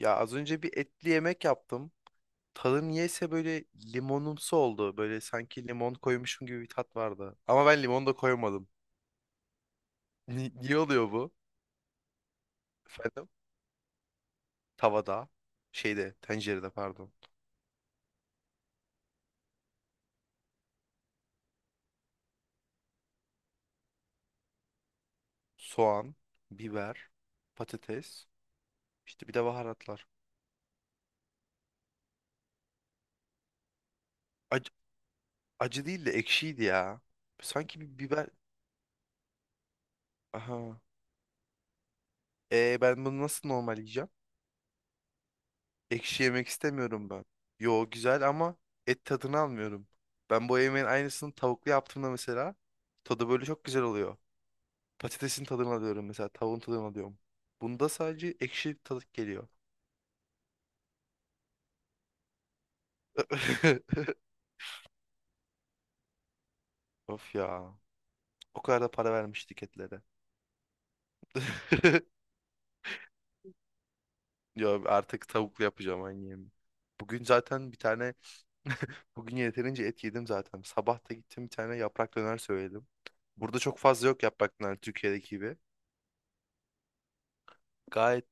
Ya az önce bir etli yemek yaptım. Tadı niyeyse böyle limonumsu oldu. Böyle sanki limon koymuşum gibi bir tat vardı. Ama ben limon da koymadım. Niye oluyor bu? Efendim? Tavada, şeyde, tencerede pardon. Soğan, biber, patates, işte bir de baharatlar. Acı, acı değil de ekşiydi ya. Sanki bir biber. Aha. E ben bunu nasıl normal yiyeceğim? Ekşi yemek istemiyorum ben. Yo, güzel ama et tadını almıyorum. Ben bu yemeğin aynısını tavuklu yaptığımda mesela tadı böyle çok güzel oluyor. Patatesin tadını alıyorum, mesela tavuğun tadını alıyorum. Bunda sadece ekşi tadı geliyor. Of ya. O kadar da para vermiştik etlere. Yo, artık tavuklu yapacağım aynı yemeği. Bugün zaten bir tane bugün yeterince et yedim zaten. Sabah da gittim, bir tane yaprak döner söyledim. Burada çok fazla yok yaprak döner, Türkiye'deki gibi. Gayet.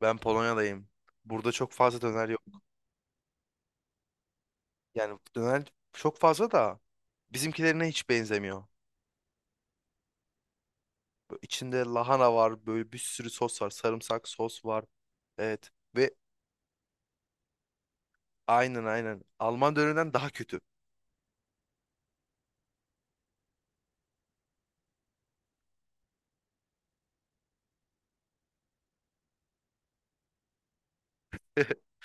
Ben Polonya'dayım. Burada çok fazla döner yok. Yani döner çok fazla da bizimkilerine hiç benzemiyor. Böyle İçinde lahana var, böyle bir sürü sos var, sarımsak sos var. Evet ve aynen aynen Alman dönerinden daha kötü.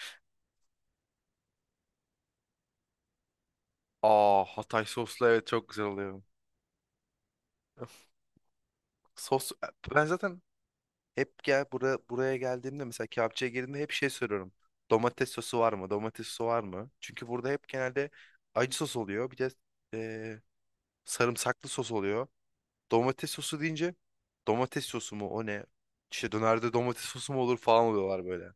Aa, Hatay soslu, evet, çok güzel oluyor. Sos, ben zaten hep gel buraya buraya geldiğimde mesela kebapçıya girdiğimde hep şey soruyorum. Domates sosu var mı? Domates sosu var mı? Çünkü burada hep genelde acı sos oluyor. Bir de e, sarımsaklı sos oluyor. Domates sosu deyince domates sosu mu o ne? İşte dönerde domates sosu mu olur falan oluyorlar böyle.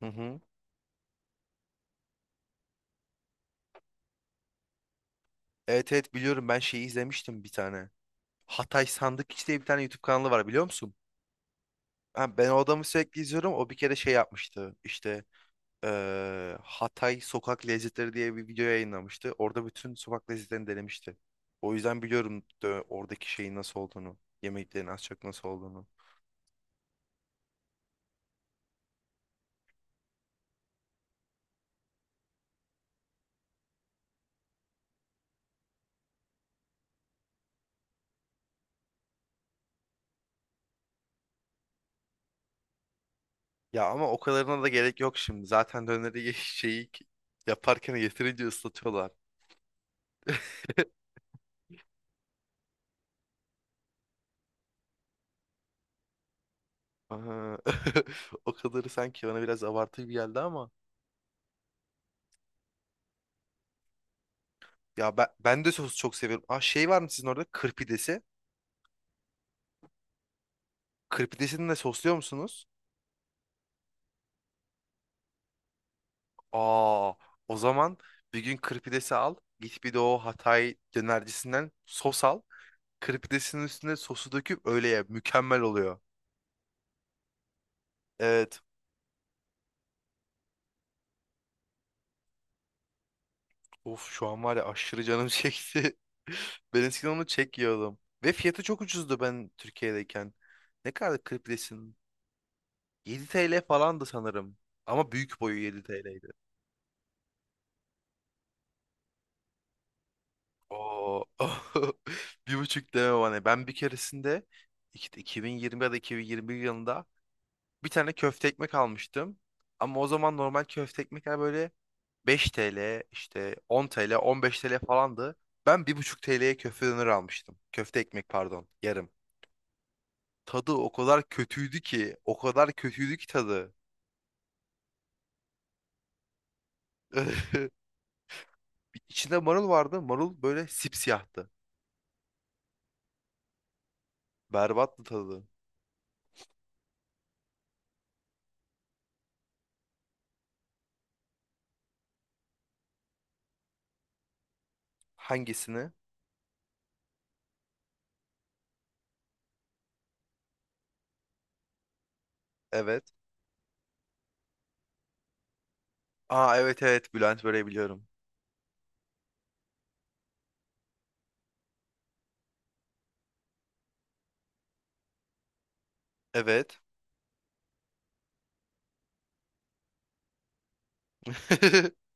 Hı hı. Evet, evet, biliyorum. Ben şeyi izlemiştim bir tane. Hatay Sandıkçı diye bir tane YouTube kanalı var, biliyor musun? Ha, ben o adamı sürekli izliyorum. O bir kere şey yapmıştı. İşte Hatay Sokak Lezzetleri diye bir video yayınlamıştı. Orada bütün sokak lezzetlerini denemişti. O yüzden biliyorum, oradaki şeyin nasıl olduğunu. Yemeklerin az çok nasıl olduğunu. Ya ama o kadarına da gerek yok şimdi. Zaten döneri şeyi yaparken yeterince ıslatıyorlar. Aha. O kadarı sanki bana biraz abartı gibi geldi ama. Ya ben de sosu çok seviyorum. Aa, şey var mı sizin orada? Kırpidesi. Kırpidesini de sosluyor musunuz? Aa, o zaman bir gün kırpidesi al. Git bir de o Hatay dönercisinden sos al. Kırpidesinin üstüne sosu döküp öyle ye. Mükemmel oluyor. Evet. Of, şu an var ya, aşırı canım çekti. Ben eskiden onu çek yiyordum. Ve fiyatı çok ucuzdu ben Türkiye'deyken. Ne kadar kriplisin? 7 TL falandı sanırım. Ama büyük boyu 7 TL'ydi. Oo. 1,5 deme bana. Ben bir keresinde 2020 ya da 2021 yılında bir tane köfte ekmek almıştım. Ama o zaman normal köfte ekmekler böyle 5 TL, işte 10 TL, 15 TL falandı. Ben 1,5 TL'ye köfte döner almıştım. Köfte ekmek, pardon, yarım. Tadı o kadar kötüydü ki. O kadar kötüydü ki tadı. İçinde marul vardı. Marul böyle sipsiyahtı. Berbattı tadı. Hangisini? Evet. Aa, evet, evet, Bülent böyle biliyorum. Evet.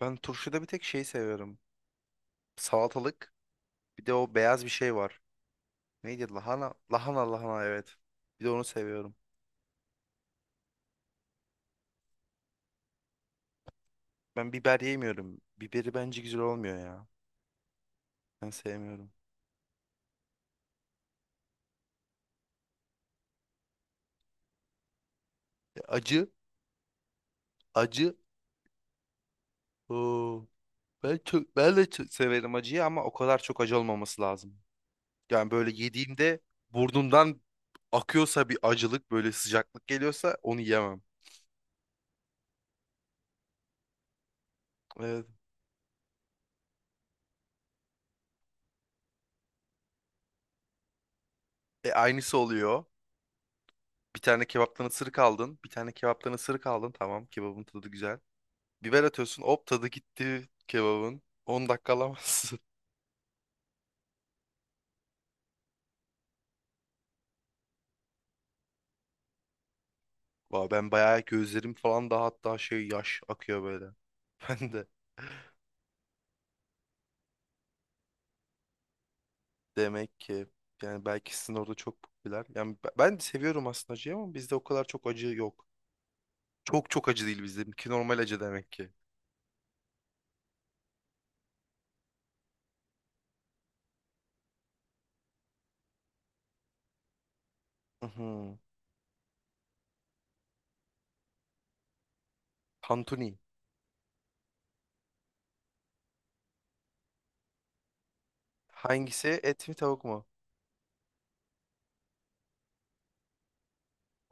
Ben turşuda bir tek şey seviyorum. Salatalık. Bir de o beyaz bir şey var. Neydi? Lahana. Lahana lahana, evet. Bir de onu seviyorum. Ben biber yemiyorum. Biberi bence güzel olmuyor ya. Ben sevmiyorum. E, acı. Acı. Oo. Ben de çok severim acıyı, ama o kadar çok acı olmaması lazım. Yani böyle yediğimde burnumdan akıyorsa, bir acılık böyle sıcaklık geliyorsa, onu yemem. Evet. E, aynısı oluyor. Bir tane kebaptan ısırık aldın. Bir tane kebaptan ısırık aldın. Tamam, kebabın tadı güzel. Biber atıyorsun, hop, tadı gitti kebabın. 10 dakika alamazsın. Vay, ben bayağı gözlerim falan da hatta şey yaş akıyor böyle. Ben de. Demek ki yani belki sizin orada çok popüler. Yani ben de seviyorum aslında acıyı, ama bizde o kadar çok acı yok. Çok çok acı değil bizde. Ki normal acı demek ki. Hı. Tantuni. Hangisi? Et mi, tavuk mu?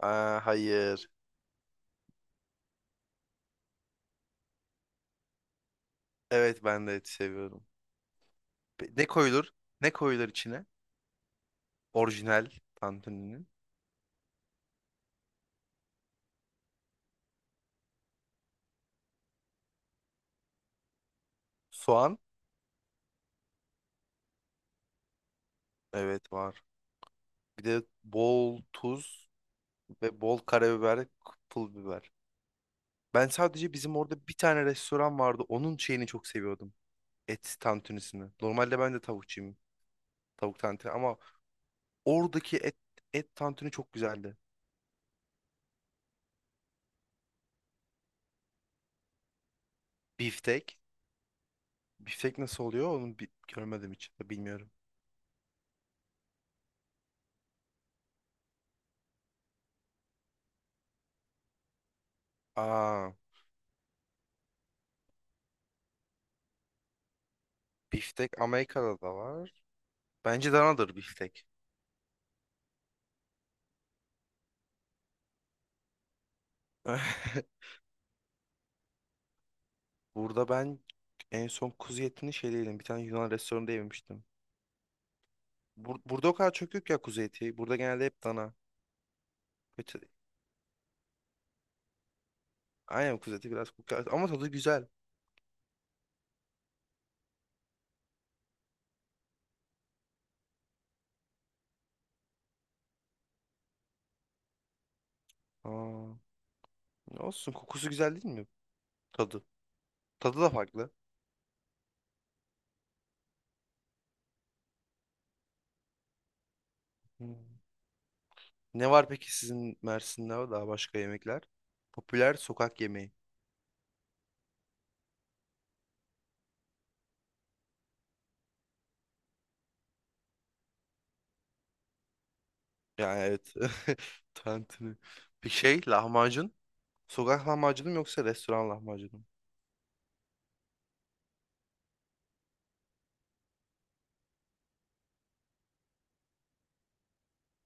Aa, hayır. Evet, ben de et seviyorum. Ne koyulur? Ne koyulur içine? Orijinal tantuninin. Soğan. Evet, var. Bir de bol tuz ve bol karabiber, pul biber. Ben sadece bizim orada bir tane restoran vardı. Onun şeyini çok seviyordum. Et tantunisini. Normalde ben de tavukçuyum. Tavuk tantuni, ama oradaki et tantuni çok güzeldi. Biftek. Biftek nasıl oluyor? Onu görmedim hiç. Bilmiyorum. Aa, biftek Amerika'da da var. Bence danadır biftek. Burada ben en son kuzu etini şeyde yedim. Bir tane Yunan restoranında yemiştim. Burada o kadar çok yok ya kuzu eti. Burada genelde hep dana. Kötü. Aynen, kuzu eti biraz kokuyor. Ama tadı güzel. Aa, olsun, kokusu güzel değil mi? Tadı. Tadı da farklı. Hmm. Ne var peki sizin Mersin'de daha başka yemekler? Popüler sokak yemeği. Yani evet. Tantuni. Bir şey lahmacun. Sokak lahmacunu mu yoksa restoran lahmacunu mu?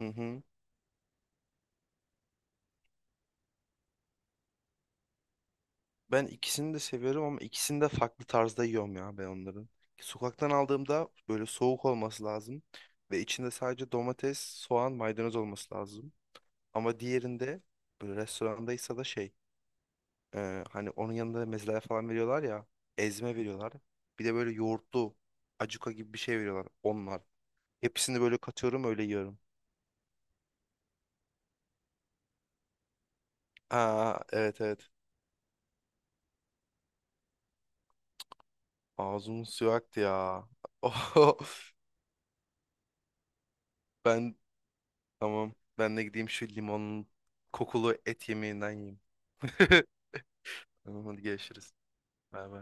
Hı hı. Ben ikisini de seviyorum ama ikisini de farklı tarzda yiyorum ya ben onların. Sokaktan aldığımda böyle soğuk olması lazım. Ve içinde sadece domates, soğan, maydanoz olması lazım. Ama diğerinde böyle restorandaysa da şey. Hani onun yanında mezeler falan veriyorlar ya. Ezme veriyorlar. Bir de böyle yoğurtlu acuka gibi bir şey veriyorlar. Onlar. Hepsini böyle katıyorum, öyle yiyorum. Aa, evet, evet. Ağzımın suyu aktı ya. Oho. Ben, tamam. Ben de gideyim şu limonun kokulu et yemeğinden yiyeyim. Tamam, hadi görüşürüz. Bay bay.